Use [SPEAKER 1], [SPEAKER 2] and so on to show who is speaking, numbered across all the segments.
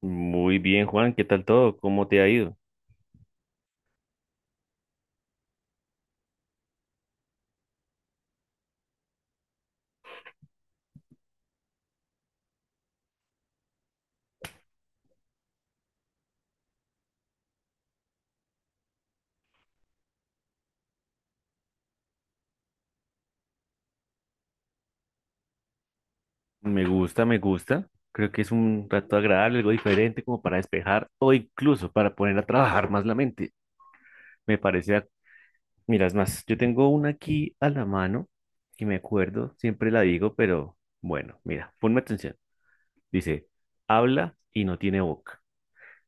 [SPEAKER 1] Muy bien, Juan, ¿qué tal todo? ¿Cómo te ha ido? Me gusta, me gusta. Creo que es un rato agradable, algo diferente como para despejar o incluso para poner a trabajar más la mente. Me parece, mira, es más, yo tengo una aquí a la mano y me acuerdo, siempre la digo, pero bueno, mira, ponme atención. Dice, habla y no tiene boca,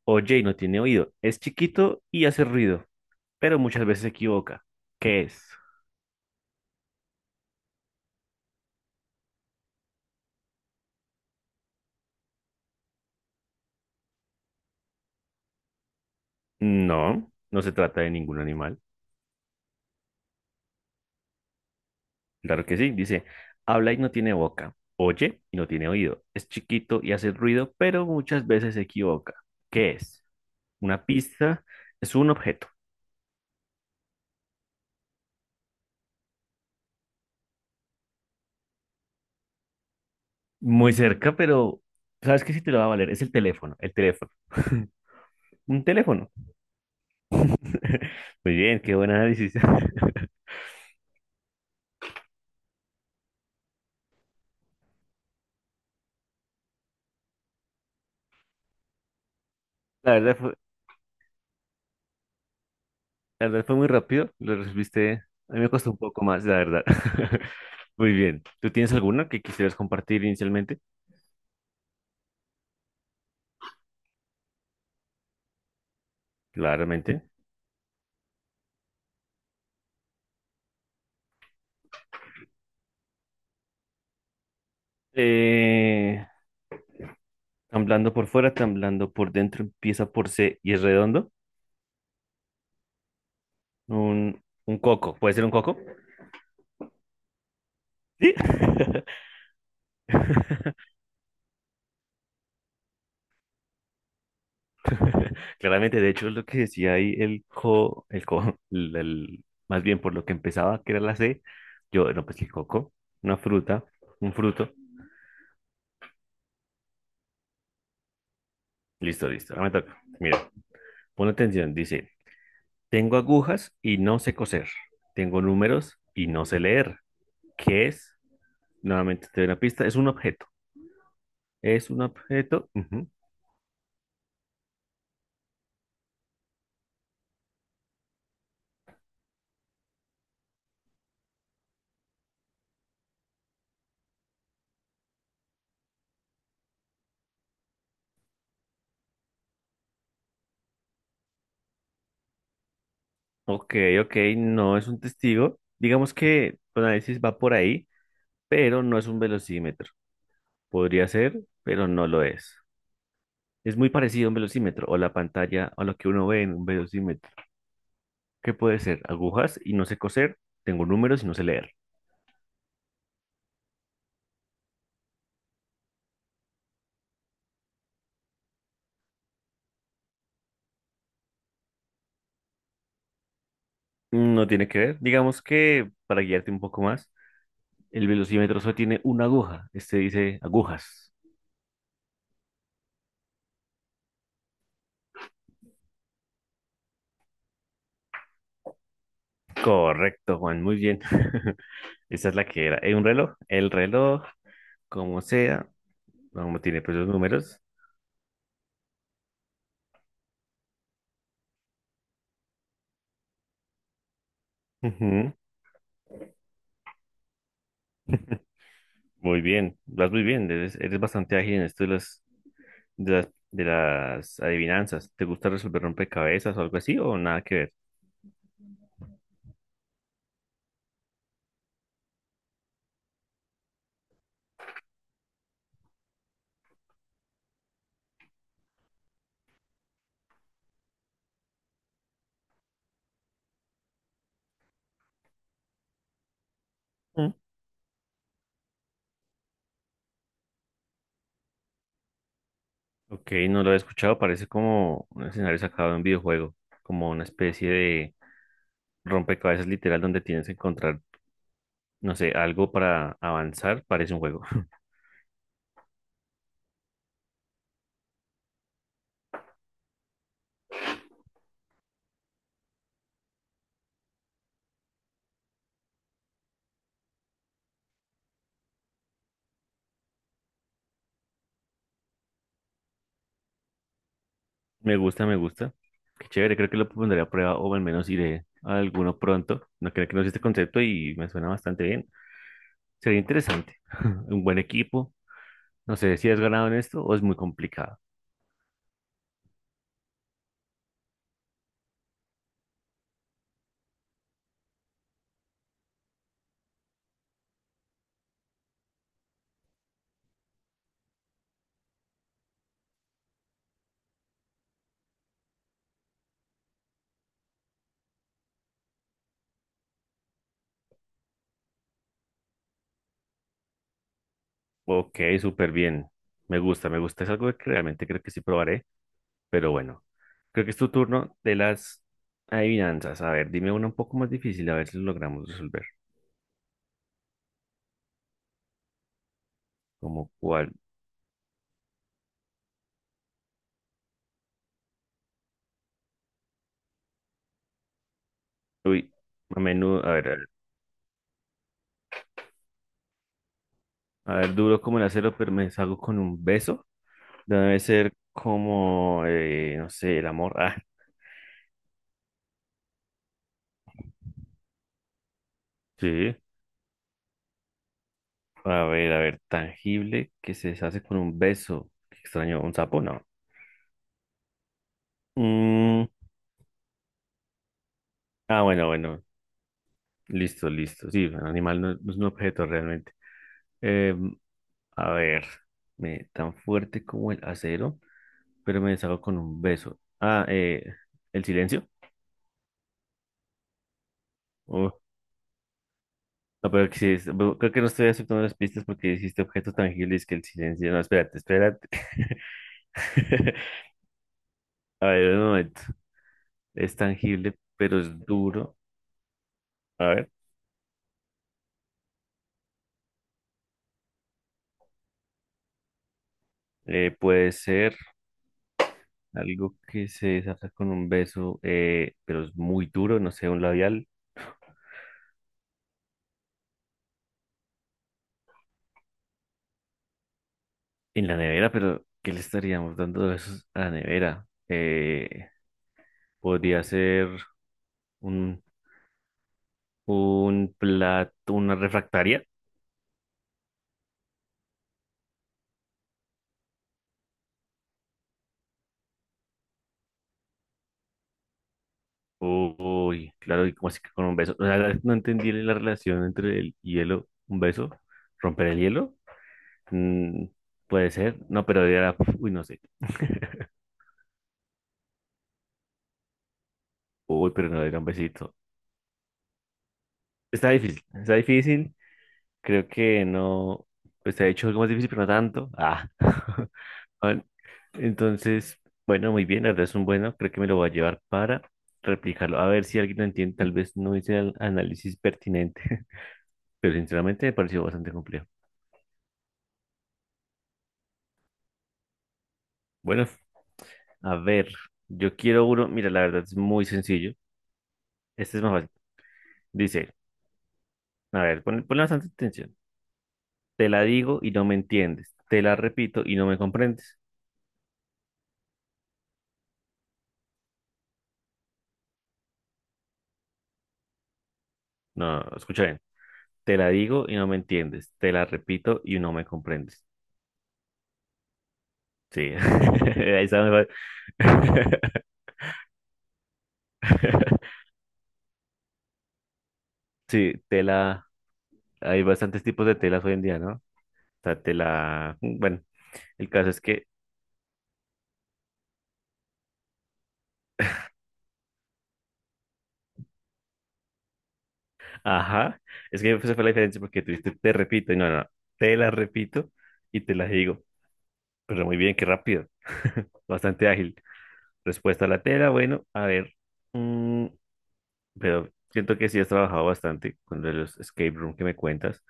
[SPEAKER 1] oye y no tiene oído, es chiquito y hace ruido, pero muchas veces se equivoca. ¿Qué es? No, no se trata de ningún animal. Claro que sí, dice, habla y no tiene boca, oye y no tiene oído, es chiquito y hace ruido, pero muchas veces se equivoca. ¿Qué es? Una pista, es un objeto. Muy cerca, pero ¿sabes qué? Si te lo va a valer, es el teléfono, el teléfono. Un teléfono. Muy bien, qué buen análisis. La verdad fue, la verdad fue muy rápido, lo resolviste. A mí me costó un poco más, la verdad. Muy bien. ¿Tú tienes alguna que quisieras compartir inicialmente? Claramente. Eh, Tan blando por fuera, tan blando por dentro, empieza por C y es redondo. Un coco, ¿puede ser un coco? Sí. Claramente, de hecho, es lo que decía ahí el co, más bien por lo que empezaba, que era la C, yo, no, pues el coco, una fruta, un fruto. Listo, listo, ahora me toca. Mira, pon atención, dice, tengo agujas y no sé coser, tengo números y no sé leer. ¿Qué es? Nuevamente te doy una pista, es un objeto. Es un objeto. Ujú. Ok, ok, no es un testigo. Digamos que tu análisis va por ahí, pero no es un velocímetro. Podría ser, pero no lo es. Es muy parecido a un velocímetro o la pantalla o lo que uno ve en un velocímetro. ¿Qué puede ser? Agujas y no sé coser, tengo números y no sé leer. No tiene que ver. Digamos que, para guiarte un poco más, el velocímetro solo tiene una aguja. Este dice agujas. Correcto, Juan, muy bien. Esa es la que era. ¿Un reloj? El reloj, como sea, no tiene pues los números. Ujú. Muy bien, vas muy bien, eres bastante ágil en esto de las adivinanzas. ¿Te gusta resolver rompecabezas o algo así o nada que ver? Mm. Ok, no lo he escuchado, parece como un escenario sacado de un videojuego, como una especie de rompecabezas literal donde tienes que encontrar, no sé, algo para avanzar, parece un juego. Me gusta, me gusta. Qué chévere, creo que lo pondré a prueba o al menos iré a alguno pronto. No creo que no este concepto y me suena bastante bien. Sería interesante. Un buen equipo. No sé si has ganado en esto o es muy complicado. Ok, súper bien. Me gusta, me gusta. Es algo que realmente creo que sí probaré, pero bueno. Creo que es tu turno de las adivinanzas. A ver, dime una un poco más difícil, a ver si lo logramos resolver. ¿Como cuál? Uy, a menudo, a ver, a ver, a ver, duro como el acero, pero me deshago con un beso. Debe ser como, no sé, el amor. Ah, sí. A ver, tangible que se deshace con un beso. Qué extraño, ¿un sapo? No. Mm, ah, bueno, bueno. Listo, listo. Sí, un animal no, no es un objeto realmente. Em, a ver, tan fuerte como el acero, pero me deshago con un beso. Ah, el silencio. Uh, no, pero que sí es- creo que no estoy aceptando las pistas porque dijiste objetos tangibles que el silencio. No, espérate, espérate. A ver, un momento. Es tangible, pero es duro. A ver, puede ser. Algo que se desata con un beso, pero es muy duro, no sé, un labial en la nevera, pero ¿qué le estaríamos dando de besos a la nevera? Podría ser un, un plato, una refractaria. Uy, claro, y como así que con un beso. O sea, no entendí la relación entre el hielo, un beso, romper el hielo. Mm, puede ser, no, pero era, uy, no sé. Uy, pero no era un besito. Está difícil, está difícil. Creo que no, pues se ha hecho algo más difícil, pero no tanto. Ah. Bueno, entonces, bueno, muy bien, la verdad es un bueno, creo que me lo voy a llevar para replicarlo. A ver si alguien lo entiende, tal vez no hice el análisis pertinente, pero sinceramente me pareció bastante complejo. Bueno, a ver, yo quiero uno, mira, la verdad es muy sencillo. Este es más fácil. Dice, a ver, ponle bastante atención. Te la digo y no me entiendes. Te la repito y no me comprendes. No, escucha bien. Te la digo y no me entiendes. Te la repito y no me comprendes. Sí. Ahí está mejor. Sí, tela. Hay bastantes tipos de telas hoy en día, ¿no? O sea, tela. Bueno, el caso es que. Ajá. Es que esa fue la diferencia porque tú dijiste, te repito y no. Te la repito y te la digo. Pero muy bien, qué rápido. Bastante ágil. Respuesta a la tela, bueno, a ver. Mm, pero siento que sí has trabajado bastante con lo de los escape room que me cuentas.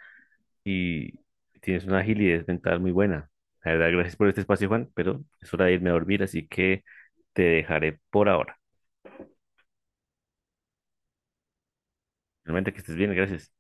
[SPEAKER 1] Y tienes una agilidad mental muy buena. La verdad, gracias por este espacio, Juan, pero es hora de irme a dormir, así que te dejaré por ahora. Realmente que estés bien, gracias.